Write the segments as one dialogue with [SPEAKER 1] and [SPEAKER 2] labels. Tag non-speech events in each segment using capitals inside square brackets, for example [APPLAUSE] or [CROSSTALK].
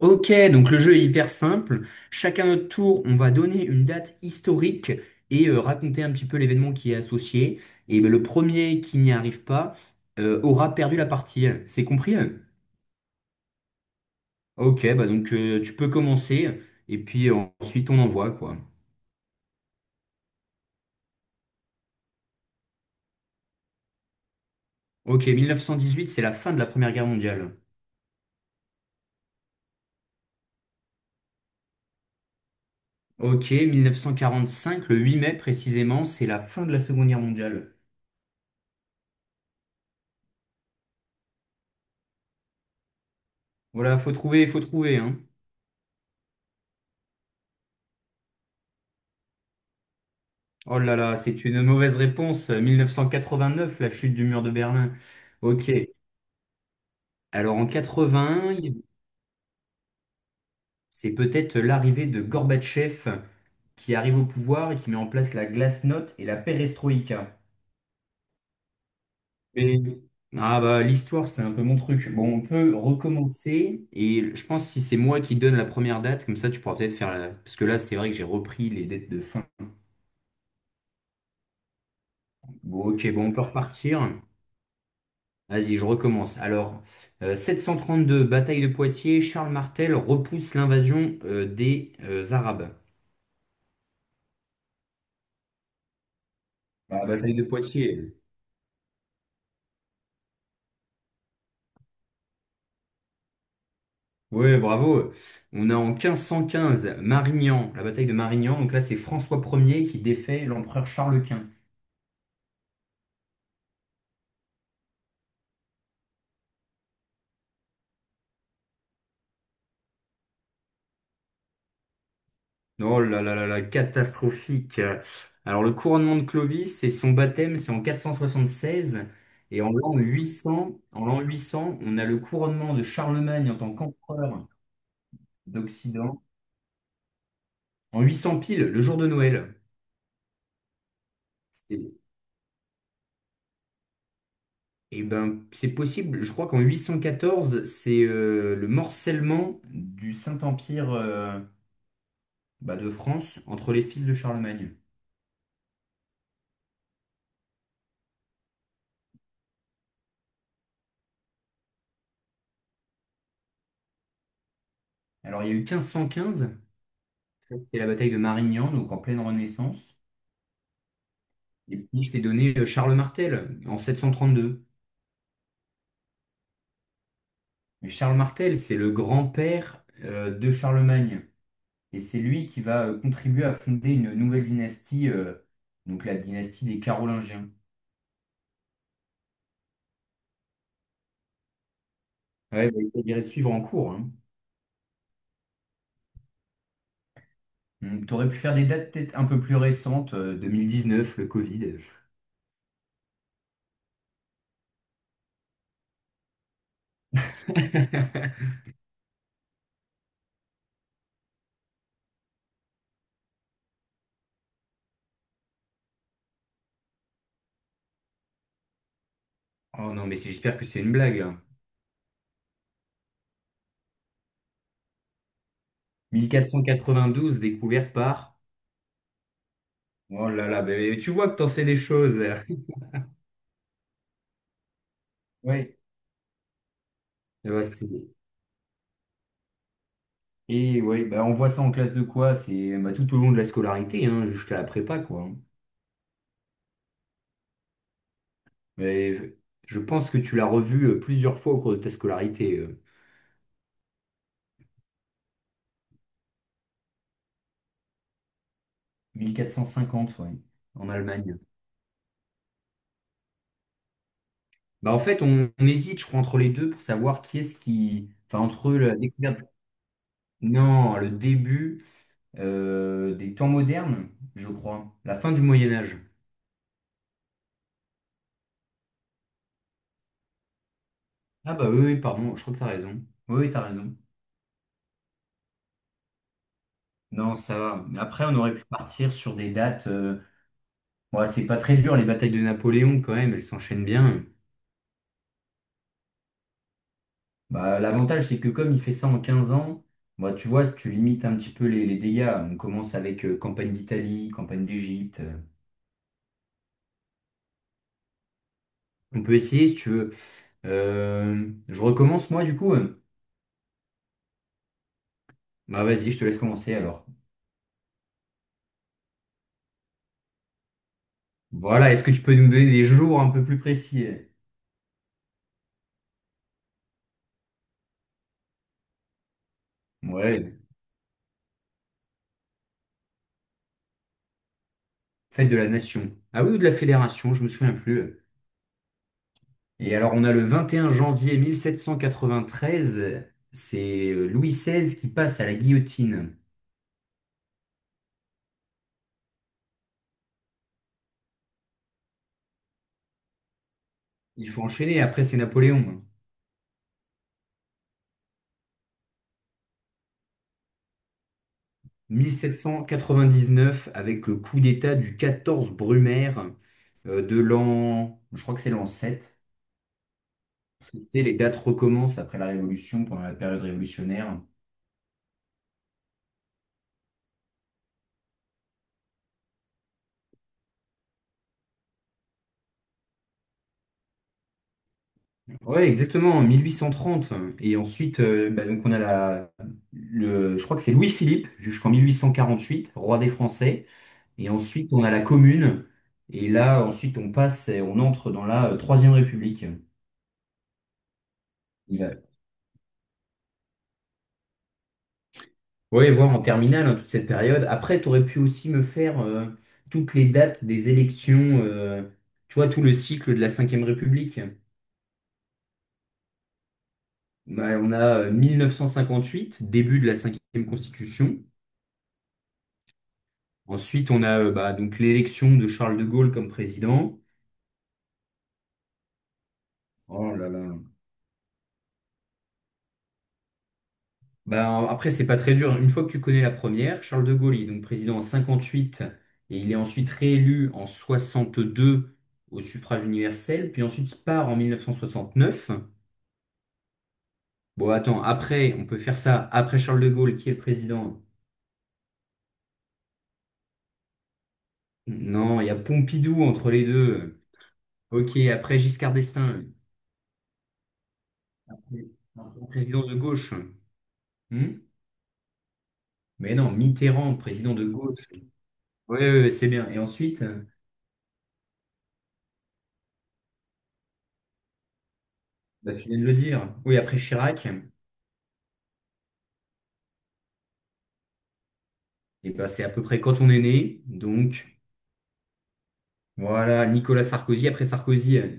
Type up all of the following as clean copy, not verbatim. [SPEAKER 1] Ok, donc le jeu est hyper simple. Chacun notre tour, on va donner une date historique et raconter un petit peu l'événement qui est associé. Et ben, le premier qui n'y arrive pas aura perdu la partie. C'est compris? Hein. Ok, bah donc tu peux commencer et puis ensuite on envoie quoi. Ok, 1918, c'est la fin de la Première Guerre mondiale. Ok, 1945, le 8 mai précisément, c'est la fin de la Seconde Guerre mondiale. Voilà, faut trouver, hein. Oh là là, c'est une mauvaise réponse. 1989, la chute du mur de Berlin. Ok. Alors en 80, c'est peut-être l'arrivée de Gorbatchev qui arrive au pouvoir et qui met en place la glasnost et la perestroïka. Mais ah bah l'histoire, c'est un peu mon truc. Bon, on peut recommencer et je pense si c'est moi qui donne la première date, comme ça tu pourras peut-être faire la... Parce que là, c'est vrai que j'ai repris les dates de fin. Bon, ok, bon, on peut repartir. Vas-y, je recommence. Alors, euh, deux bataille de Poitiers, Charles Martel repousse l'invasion des Arabes. Bah, bataille de Poitiers. Ouais, bravo. On a en 1515, Marignan, la bataille de Marignan. Donc là, c'est François Ier qui défait l'empereur Charles Quint. Oh là là là là, catastrophique. Alors, le couronnement de Clovis, c'est son baptême, c'est en 476. Et en l'an 800, en l'an 800, on a le couronnement de Charlemagne en tant qu'empereur d'Occident. En 800 piles, le jour de Noël. C'est- Eh ben, c'est possible. Je crois qu'en 814, c'est le morcellement du Saint-Empire bah, de France entre les fils de Charlemagne. Alors, il y a eu 1515, ça, c'était la bataille de Marignan, donc en pleine Renaissance. Et puis, je t'ai donné Charles Martel en 732. Mais Charles Martel, c'est le grand-père de Charlemagne. Et c'est lui qui va contribuer à fonder une nouvelle dynastie, donc la dynastie des Carolingiens. Ouais, bah, il faudrait bien suivre en cours. Hein. Tu aurais pu faire des dates peut-être un peu plus récentes, neuf le Covid. [LAUGHS] Oh non, mais j'espère que c'est une blague, là. Douze découverte par... Oh là là, bah, mais tu vois que t'en sais des choses. [LAUGHS] Ouais. Eh ben. Et ouais, bah, on voit ça en classe de quoi? C'est bah, tout au long de la scolarité, hein, jusqu'à la prépa, quoi. Mais je pense que tu l'as revu plusieurs fois au cours de ta scolarité. Mille quatre cent cinquante, ouais, en Allemagne. Bah en fait, on hésite, je crois, entre les deux pour savoir qui est-ce qui... Enfin, entre la découverte... Non, le début des temps modernes, je crois. La fin du Moyen Âge. Ah bah oui, oui, pardon, je crois que t'as raison. Oui, oui, t'as raison. Non, ça va. Mais après, on aurait pu partir sur des dates... Ouais, c'est pas très dur, les batailles de Napoléon, quand même, elles s'enchaînent bien. Bah, l'avantage, c'est que comme il fait ça en 15 ans, bah, tu vois, si tu limites un petit peu les dégâts, on commence avec campagne d'Italie, campagne d'Égypte... On peut essayer, si tu veux. Je recommence moi du coup. Bah vas-y, je te laisse commencer alors. Voilà, est-ce que tu peux nous donner des jours un peu plus précis? Ouais, fête de la nation. Ah oui, ou de la fédération, je me souviens plus. Et alors on a le 21 janvier 1793. C'est Louis XVI qui passe à la guillotine. Il faut enchaîner, après c'est Napoléon. Hein. 1799 avec le coup d'État du 14 Brumaire de l'an, je crois que c'est l'an 7. Tu sais, les dates recommencent après la Révolution, pendant la période révolutionnaire. Ouais, exactement, en 1830. Et ensuite, bah, donc on a le, je crois que c'est Louis-Philippe jusqu'en 1848, roi des Français. Et ensuite, on a la Commune. Et là, ensuite, on passe et on entre dans la Troisième République. Il va- Ouais, voir en terminale, hein, toute cette période. Après, tu aurais pu aussi me faire toutes les dates des élections, tu vois, tout le cycle de la Cinquième République. Bah, on a 1958, début de la cinquième constitution. Ensuite, on a bah, donc l'élection de Charles de Gaulle comme président. Oh là là. Bah, après, c'est pas très dur. Une fois que tu connais la première, Charles de Gaulle, il est donc président en 58 et il est ensuite réélu en 62 au suffrage universel. Puis ensuite, il part en 1969. Bon, attends, après, on peut faire ça. Après Charles de Gaulle, qui est le président? Non, il y a Pompidou entre les deux. Ok, après Giscard d'Estaing. Un président de gauche. Hmm. Mais non, Mitterrand, président de gauche. Oui, oui, oui, c'est bien. Et ensuite, bah, tu viens de le dire. Oui, après Chirac, et bah, c'est à peu près quand on est né. Donc, voilà, Nicolas Sarkozy. Après Sarkozy,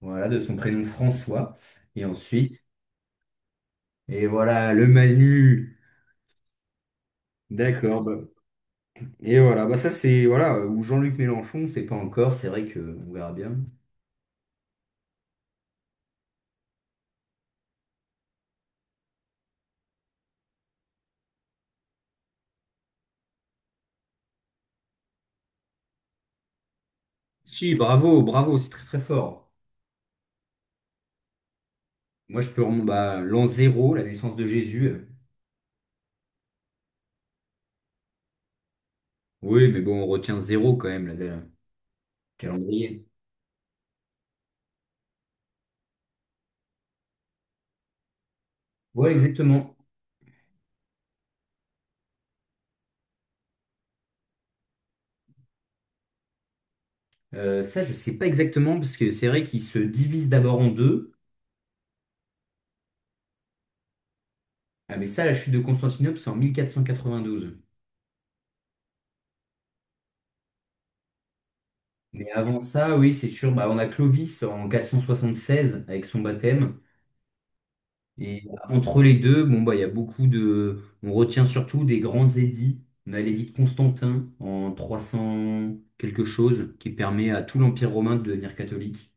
[SPEAKER 1] voilà, de son prénom François. Et ensuite, et voilà, le Manu. D'accord. Bah. Et voilà, bah, ça, c'est, voilà, ou Jean-Luc Mélenchon, c'est pas encore. C'est vrai que on verra bien. Si, bravo, bravo, c'est très, très fort. Moi, je peux remonter bah, l'an zéro, la naissance de Jésus. Oui, mais bon, on retient zéro quand même, là, le calendrier. Ouais, exactement. Ça, je sais pas exactement, parce que c'est vrai qu'il se divise d'abord en deux. Ah, mais ça, la chute de Constantinople, c'est en 1492. Mais avant ça, oui, c'est sûr, bah, on a Clovis en 476 avec son baptême. Et entre les deux, bon, bah, il y a beaucoup de. On retient surtout des grands édits. On a l'édit de Constantin en 300 quelque chose, qui permet à tout l'Empire romain de devenir catholique.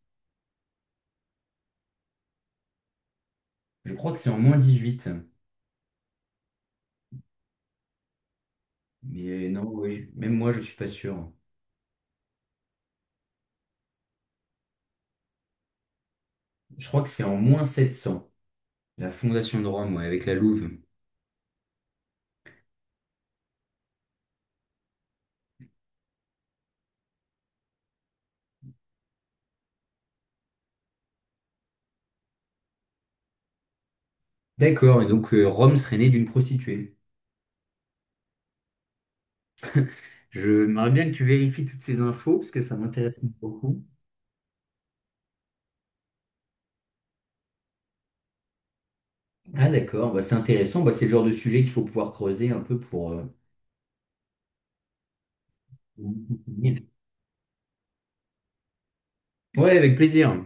[SPEAKER 1] Je crois que c'est en moins 18. Mais non, oui, même moi, je suis pas sûr. Je crois que c'est en moins 700 la fondation de Rome, ouais, avec la Louve. D'accord, et donc Rome serait née d'une prostituée. Je m'aimerais bien que tu vérifies toutes ces infos, parce que ça m'intéresse beaucoup. Ah d'accord, bah, c'est intéressant, bah, c'est le genre de sujet qu'il faut pouvoir creuser un peu pour... Ouais, avec plaisir.